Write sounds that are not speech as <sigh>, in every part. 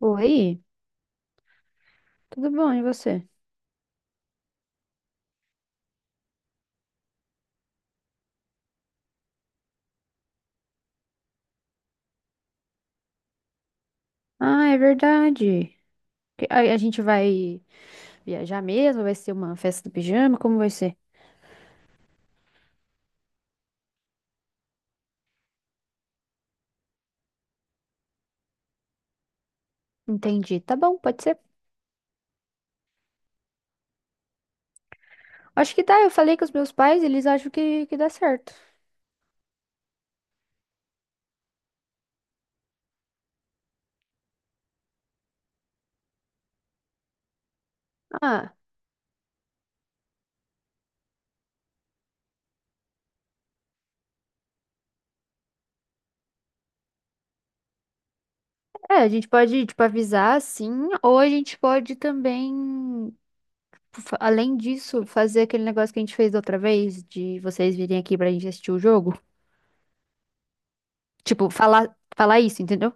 Oi, tudo bom, e você? Ah, é verdade. A gente vai viajar mesmo? Vai ser uma festa do pijama? Como vai ser? Entendi. Tá bom, pode ser. Acho que dá. Eu falei com os meus pais, eles acham que dá certo. Ah, é, a gente pode, tipo, avisar, sim, ou a gente pode também, além disso, fazer aquele negócio que a gente fez da outra vez, de vocês virem aqui pra gente assistir o jogo. Tipo, falar isso, entendeu?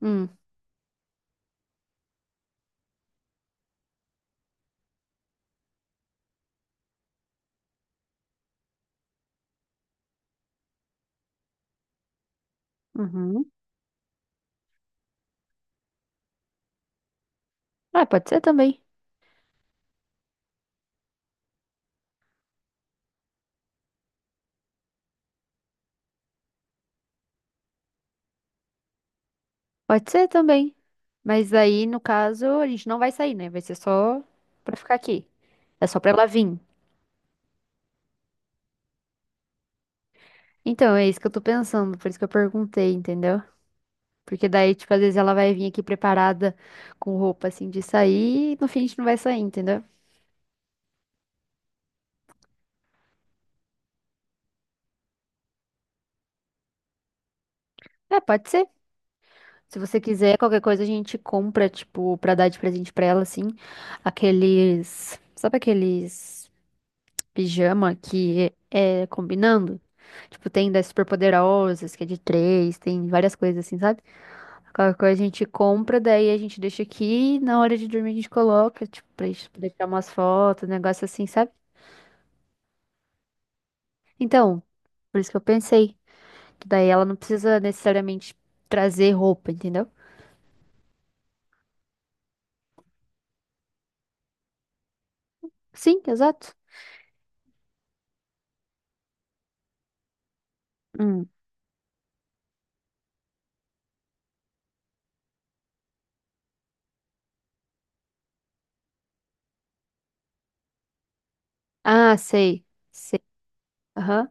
Hum. Uhum. Ah, pode ser também. Pode ser também. Mas aí, no caso, a gente não vai sair, né? Vai ser só pra ficar aqui. É só pra ela vir. Então, é isso que eu tô pensando, por isso que eu perguntei, entendeu? Porque daí, tipo, às vezes ela vai vir aqui preparada com roupa assim de sair e no fim a gente não vai sair, entendeu? É, pode ser. Se você quiser, qualquer coisa a gente compra, tipo, pra dar de presente pra ela, assim, aqueles. Sabe aqueles. Pijama que é combinando. Tipo, tem das Superpoderosas, que é de três, tem várias coisas assim, sabe? Qualquer coisa a gente compra, daí a gente deixa aqui, e na hora de dormir a gente coloca, tipo, pra gente poder tirar umas fotos, um negócio assim, sabe? Então, por isso que eu pensei, que daí ela não precisa necessariamente trazer roupa, entendeu? Sim, exato. Hum. Ah, sei. Sei. Aham.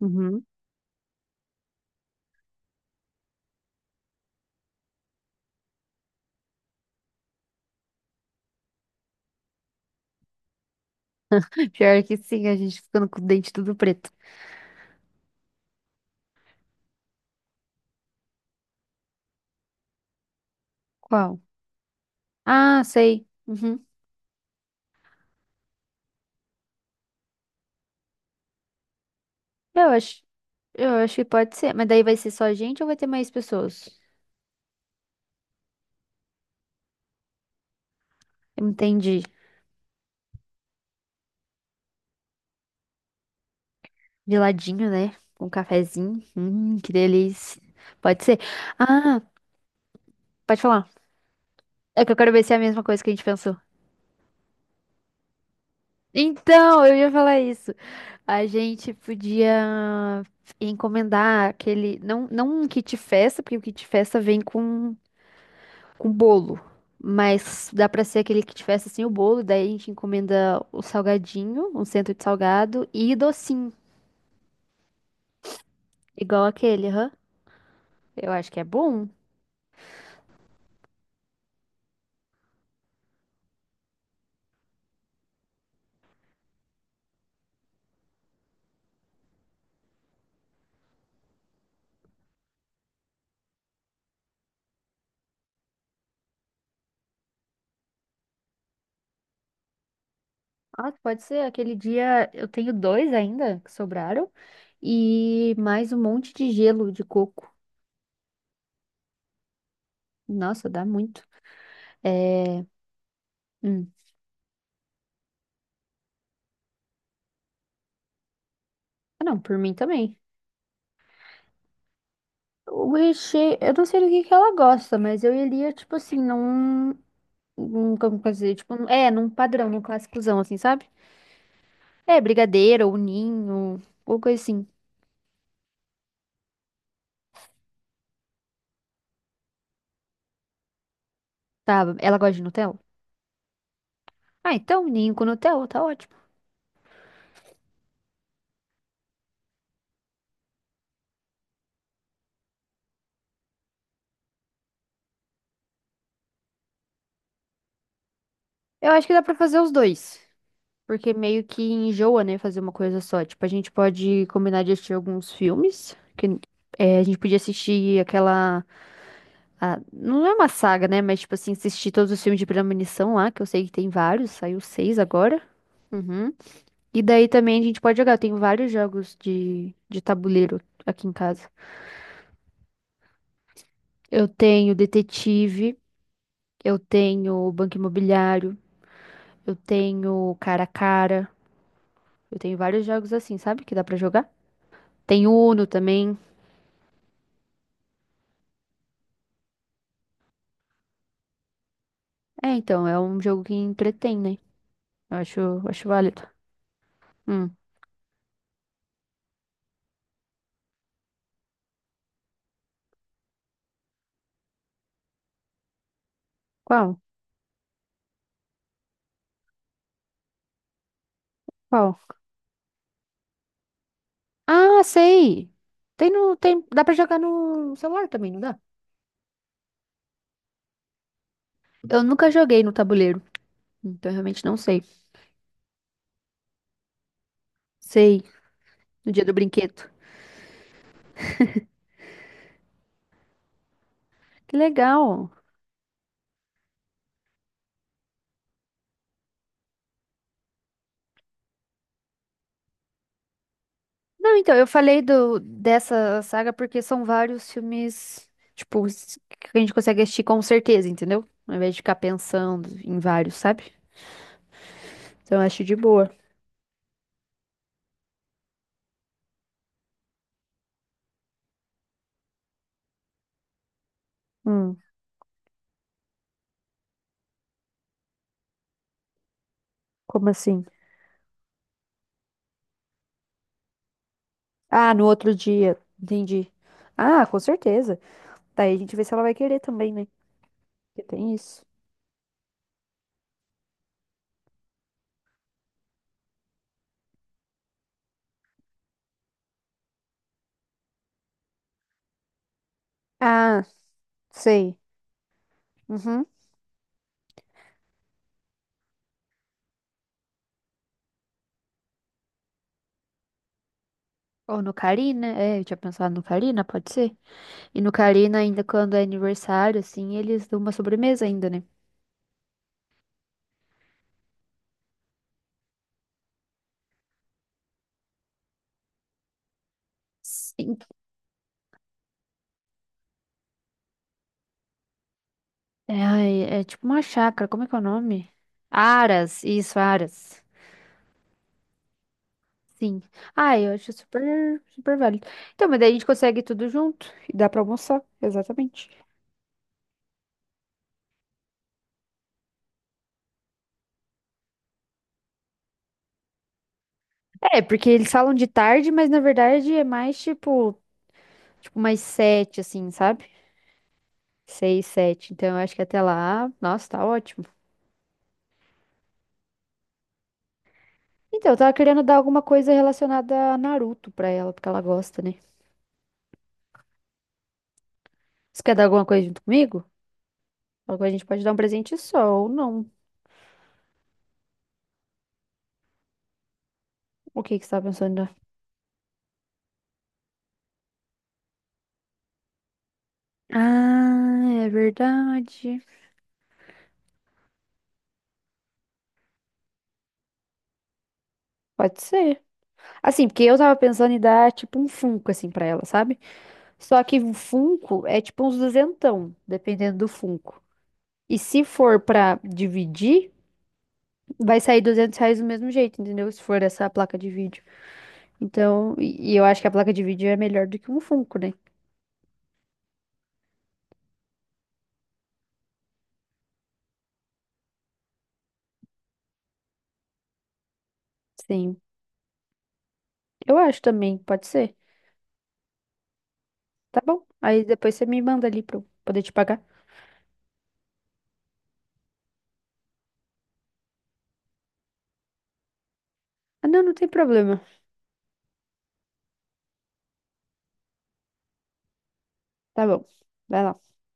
Uhum. <laughs> Pior que sim, a gente ficando com o dente tudo preto. Qual? Ah, sei. Uhum. Eu acho Eu acho que pode ser, mas daí vai ser só gente ou vai ter mais pessoas? Entendi. De né? Com um cafezinho. Que delícia. Pode ser. Ah, pode falar. É que eu quero ver se é a mesma coisa que a gente pensou. Então, eu ia falar isso. A gente podia encomendar aquele. Não, não um kit festa, porque o kit festa vem com bolo. Mas dá pra ser aquele kit festa sem o bolo. Daí a gente encomenda o salgadinho, um centro de salgado e docinho. Igual aquele, hã? Eu acho que é bom. Ah, pode ser. Aquele dia eu tenho dois ainda que sobraram e mais um monte de gelo de coco. Nossa, dá muito. É. Hum. Ah, não, por mim também. O recheio, eu não sei do que ela gosta, mas eu iria, tipo assim, num como fazer? Tipo, num padrão, num clássicozão, assim, sabe? É, brigadeiro ou ninho, ou coisa assim. Tá, ela gosta de Nutella? Ah, então, ninho com Nutella, tá ótimo. Eu acho que dá pra fazer os dois. Porque meio que enjoa, né, fazer uma coisa só. Tipo, a gente pode combinar de assistir alguns filmes, que é, a gente podia assistir aquela, não é uma saga, né, mas tipo assim, assistir todos os filmes de Premonição lá, que eu sei que tem vários, saiu seis agora. Uhum. E daí também a gente pode jogar, eu tenho vários jogos de tabuleiro aqui em casa. Eu tenho Detetive, eu tenho Banco Imobiliário, eu tenho Cara a Cara, eu tenho vários jogos assim, sabe, que dá pra jogar. Tem Uno também. É, então, é um jogo que entretém, né? Eu acho válido. Hum. Qual? Qual? Ah, sei! Tem, dá pra jogar no celular também, não dá? Eu nunca joguei no tabuleiro, então eu realmente não sei. Sei, no dia do brinquedo. Que legal! Não, então, eu falei dessa saga porque são vários filmes, tipo, que a gente consegue assistir com certeza, entendeu? Ao invés de ficar pensando em vários, sabe? Então eu acho de boa. Hum, como assim? Ah, no outro dia. Entendi. Ah, com certeza. Daí a gente vê se ela vai querer também, né? Porque tem isso. Ah, sei. Uhum. Ou no Carina, é, eu tinha pensado no Carina, pode ser. E no Carina, ainda quando é aniversário, assim, eles dão uma sobremesa ainda, né? Sim. É, ai, é tipo uma chácara, como é que é o nome? Aras, isso, Aras. Sim. Ah, eu acho super, super válido. Então, mas daí a gente consegue tudo junto e dá pra almoçar, exatamente. É, porque eles falam de tarde, mas na verdade é mais tipo, tipo mais sete, assim, sabe? Seis, sete. Então eu acho que até lá, nossa, tá ótimo. Então, eu tava querendo dar alguma coisa relacionada a Naruto pra ela, porque ela gosta, né? Você quer dar alguma coisa junto comigo? Alguma a gente pode dar um presente só ou não. O que que você tá pensando em dar? Ah, é verdade. Pode ser. Assim, porque eu tava pensando em dar tipo um Funko, assim, pra ela, sabe? Só que o Funko é tipo uns duzentão, dependendo do Funko. E se for pra dividir, vai sair R$ 200 do mesmo jeito, entendeu? Se for essa placa de vídeo. Então, e eu acho que a placa de vídeo é melhor do que um Funko, né? Sim. Eu acho também, pode ser. Tá bom. Aí depois você me manda ali pra eu poder te pagar. Ah, não, não tem problema. Tá bom. Vai lá.